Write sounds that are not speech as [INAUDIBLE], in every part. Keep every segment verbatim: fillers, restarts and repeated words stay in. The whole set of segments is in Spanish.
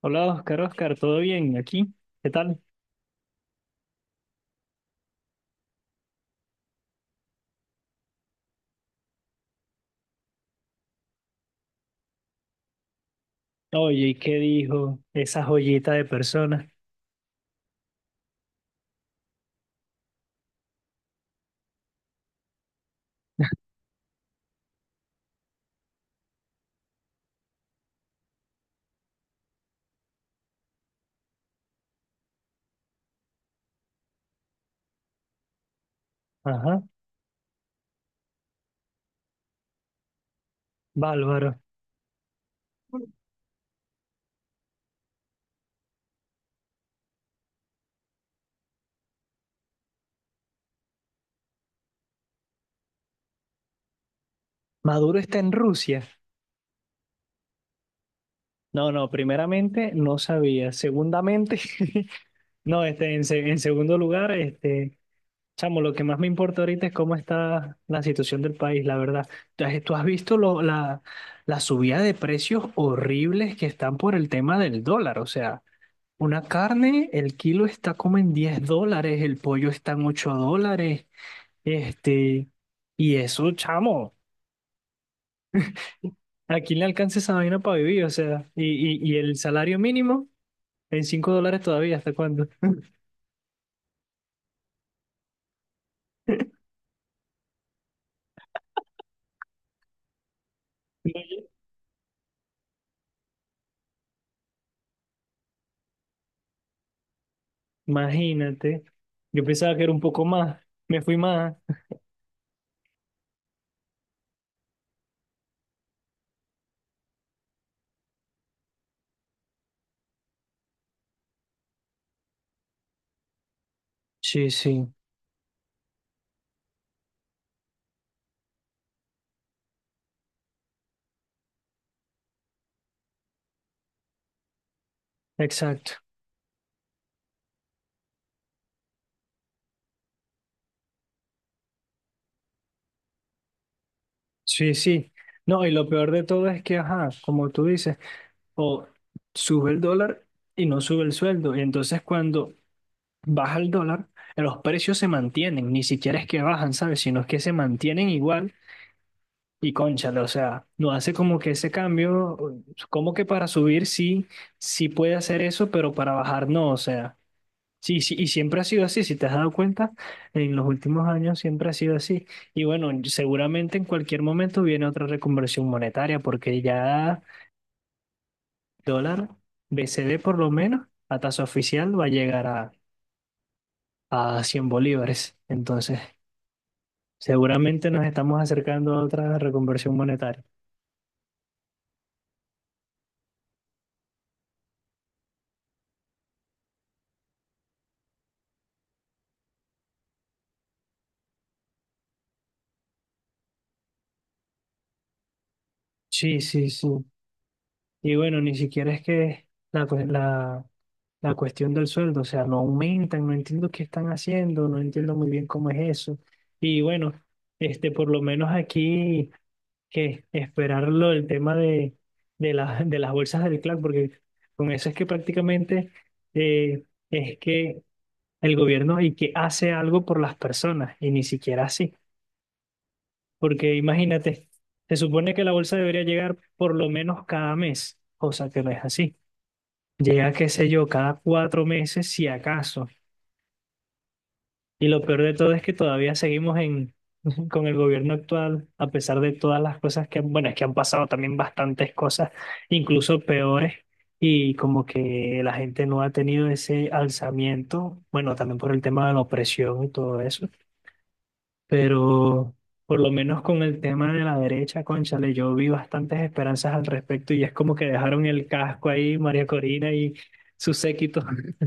Hola Oscar, Oscar, ¿todo bien aquí? ¿Qué tal? Oye, ¿y qué dijo esa joyita de persona? Ajá, bárbaro. ¿Maduro está en Rusia? No, no, primeramente no sabía. Segundamente, [LAUGHS] no, este, en, se- en segundo lugar, este, chamo, lo que más me importa ahorita es cómo está la situación del país, la verdad. ¿Tú has tú has visto lo- la, la subida de precios horribles que están por el tema del dólar? O sea. Una carne, el kilo está como en diez dólares, el pollo está en ocho dólares, este, y eso, chamo, ¿a quién le alcanza esa vaina para vivir? O sea, y, y, y el salario mínimo en cinco dólares todavía, ¿hasta cuándo? Imagínate, yo pensaba que era un poco más, me fui más. Sí, sí, exacto. Sí, sí. No, y lo peor de todo es que, ajá, como tú dices, o sube el dólar y no sube el sueldo. Y entonces cuando baja el dólar, los precios se mantienen, ni siquiera es que bajan, ¿sabes? Sino es que se mantienen igual y cónchale, o sea, no hace como que ese cambio, como que para subir sí, sí puede hacer eso, pero para bajar no, o sea, sí, sí, y siempre ha sido así, si te has dado cuenta, en los últimos años siempre ha sido así. Y bueno, seguramente en cualquier momento viene otra reconversión monetaria, porque ya dólar, B C D por lo menos, a tasa oficial va a llegar a, a cien bolívares, entonces... Seguramente nos estamos acercando a otra reconversión monetaria. Sí, sí, sí. Y bueno, ni siquiera es que la, cue- la, la cuestión del sueldo, o sea, no aumentan, no entiendo qué están haciendo, no entiendo muy bien cómo es eso. Y bueno, este, por lo menos aquí que esperarlo el tema de, de, la- de las bolsas del CLAC, porque con eso es que prácticamente eh, es que el gobierno y que hace algo por las personas, y ni siquiera así. Porque imagínate, se supone que la bolsa debería llegar por lo menos cada mes, cosa que no es así. Llega, qué sé yo, cada cuatro meses, si acaso. Y lo peor de todo es que todavía seguimos en, [LAUGHS] con el gobierno actual, a pesar de todas las cosas que, han- bueno, es que han pasado también bastantes cosas, incluso peores. Y como que la gente no ha tenido ese alzamiento, bueno, también por el tema de la opresión y todo eso, pero por lo menos con el tema de la derecha, cónchale, yo vi bastantes esperanzas al respecto y es como que dejaron el casco ahí, María Corina y su séquito. [LAUGHS]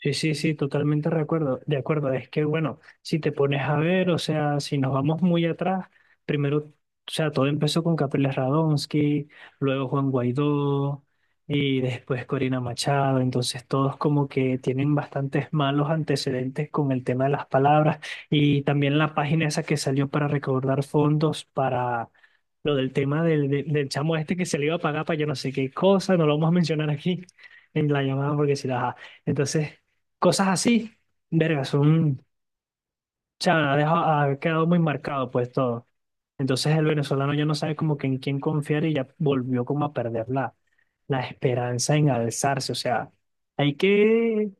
Sí, sí, sí, totalmente de acuerdo. De acuerdo, es que bueno, si te pones a ver, o sea, si nos vamos muy atrás, primero, o sea, todo empezó con Capriles Radonsky, luego Juan Guaidó y después Corina Machado, entonces todos como que tienen bastantes malos antecedentes con el tema de las palabras y también la página esa que salió para recaudar fondos para lo del tema del, del, del chamo este que se le iba a pagar para yo no sé qué cosa, no lo vamos a mencionar aquí en la llamada porque si la... Entonces... Cosas así, verga, son, o sea, ha, dejado- ha quedado muy marcado pues todo. Entonces el venezolano ya no sabe como que en quién confiar y ya volvió como a perder la, la esperanza en alzarse. O sea, hay que,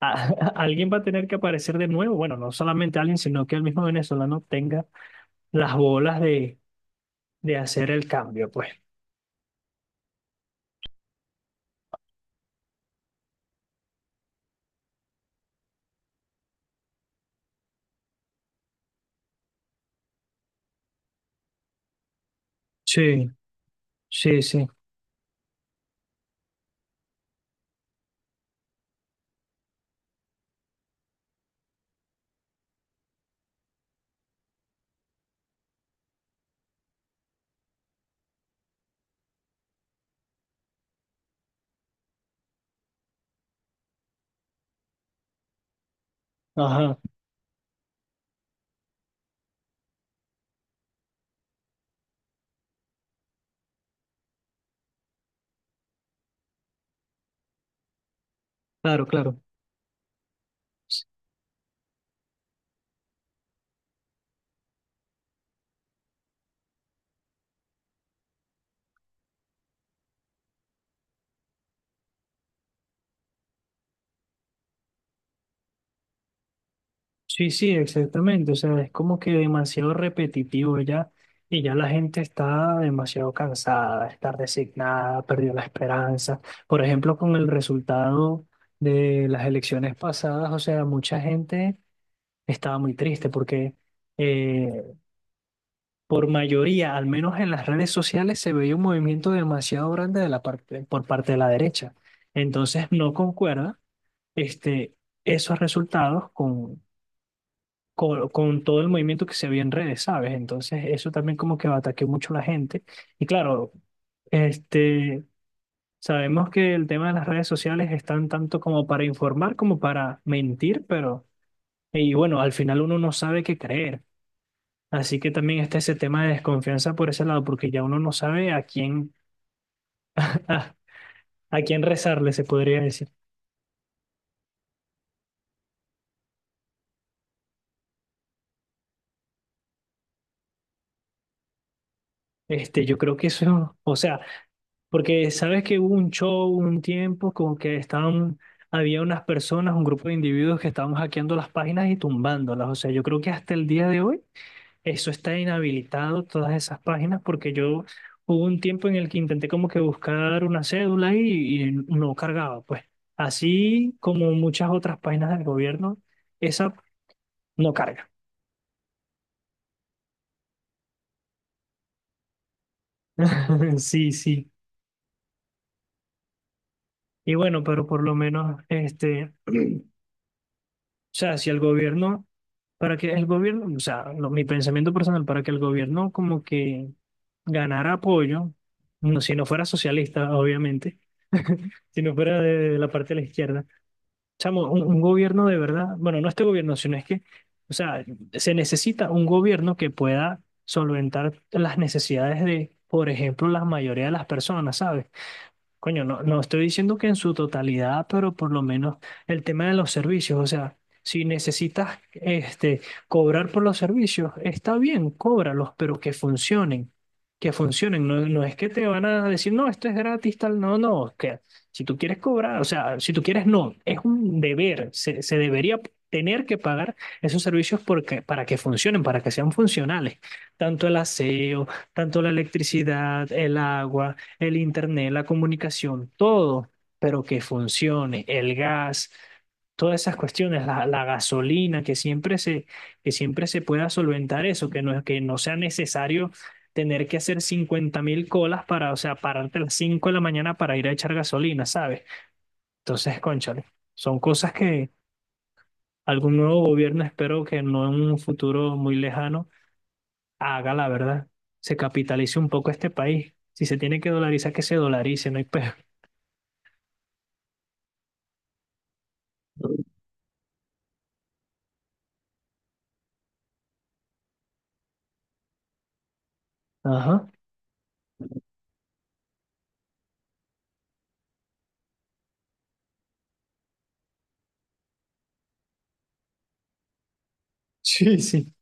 a- [LAUGHS] alguien va a tener que aparecer de nuevo. Bueno, no solamente alguien, sino que el mismo venezolano tenga las bolas de, de hacer el cambio, pues. Sí, sí, sí. Ajá, claro, claro. Sí, sí, exactamente. O sea, es como que demasiado repetitivo ya y ya la gente está demasiado cansada, está resignada, perdió la esperanza. Por ejemplo, con el resultado de las elecciones pasadas, o sea, mucha gente estaba muy triste porque eh, por mayoría, al menos en las redes sociales, se veía un movimiento demasiado grande de la parte, por parte de la derecha. Entonces, no concuerda este, esos resultados con con, con todo el movimiento que se vio en redes, ¿sabes? Entonces, eso también como que ataqueó mucho a la gente. Y claro, este, sabemos que el tema de las redes sociales están tanto como para informar como para mentir, pero, y bueno, al final uno no sabe qué creer. Así que también está ese tema de desconfianza por ese lado, porque ya uno no sabe a quién, [LAUGHS] a, a quién rezarle, se podría decir. Este, yo creo que eso, o sea, porque sabes que hubo un show un tiempo como que estaban, había unas personas, un grupo de individuos que estaban hackeando las páginas y tumbándolas. O sea, yo creo que hasta el día de hoy eso está inhabilitado, todas esas páginas, porque yo hubo un tiempo en el que intenté como que buscar una cédula y, y no cargaba. Pues así como muchas otras páginas del gobierno, esa no carga. [LAUGHS] Sí, sí. Y bueno, pero por lo menos este... O sea, si el gobierno, para que el gobierno, o sea, lo- mi pensamiento personal, para que el gobierno como que ganara apoyo, no, si no fuera socialista, obviamente, si no fuera de, de la parte de la izquierda, chamo, un, un gobierno de verdad, bueno, no este gobierno, sino es que, o sea, se necesita un gobierno que pueda solventar las necesidades de, por ejemplo, la mayoría de las personas, ¿sabes? Coño, no, no estoy diciendo que en su totalidad, pero por lo menos el tema de los servicios, o sea, si necesitas este, cobrar por los servicios, está bien, cóbralos, pero que funcionen, que funcionen, no, no es que te van a decir, no, esto es gratis, tal, no, no, que si tú quieres cobrar, o sea, si tú quieres, no, es un deber, se, se debería tener que pagar esos servicios porque, para que funcionen, para que sean funcionales, tanto el aseo, tanto la electricidad, el agua, el internet, la comunicación, todo, pero que funcione, el gas, todas esas cuestiones, la, la gasolina, que siempre se, que siempre se pueda solventar eso, que no, que no sea necesario tener que hacer cincuenta mil colas para, o sea, pararte a las cinco de la mañana para ir a echar gasolina, ¿sabes? Entonces, cónchale, son cosas que algún nuevo gobierno, espero que no en un futuro muy lejano, haga la verdad, se capitalice un poco este país. Si se tiene que dolarizar, que se dolarice, no hay peor. Ajá. Sí, sí.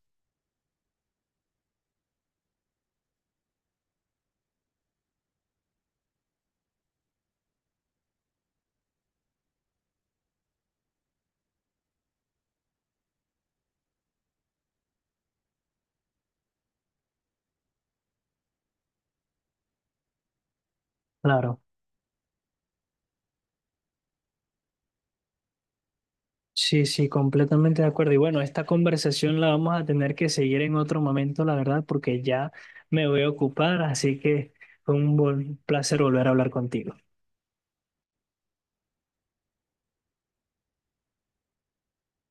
Claro, sí, sí, completamente de acuerdo. Y bueno, esta conversación la vamos a tener que seguir en otro momento, la verdad, porque ya me voy a ocupar, así que fue un buen placer volver a hablar contigo.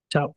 Chao.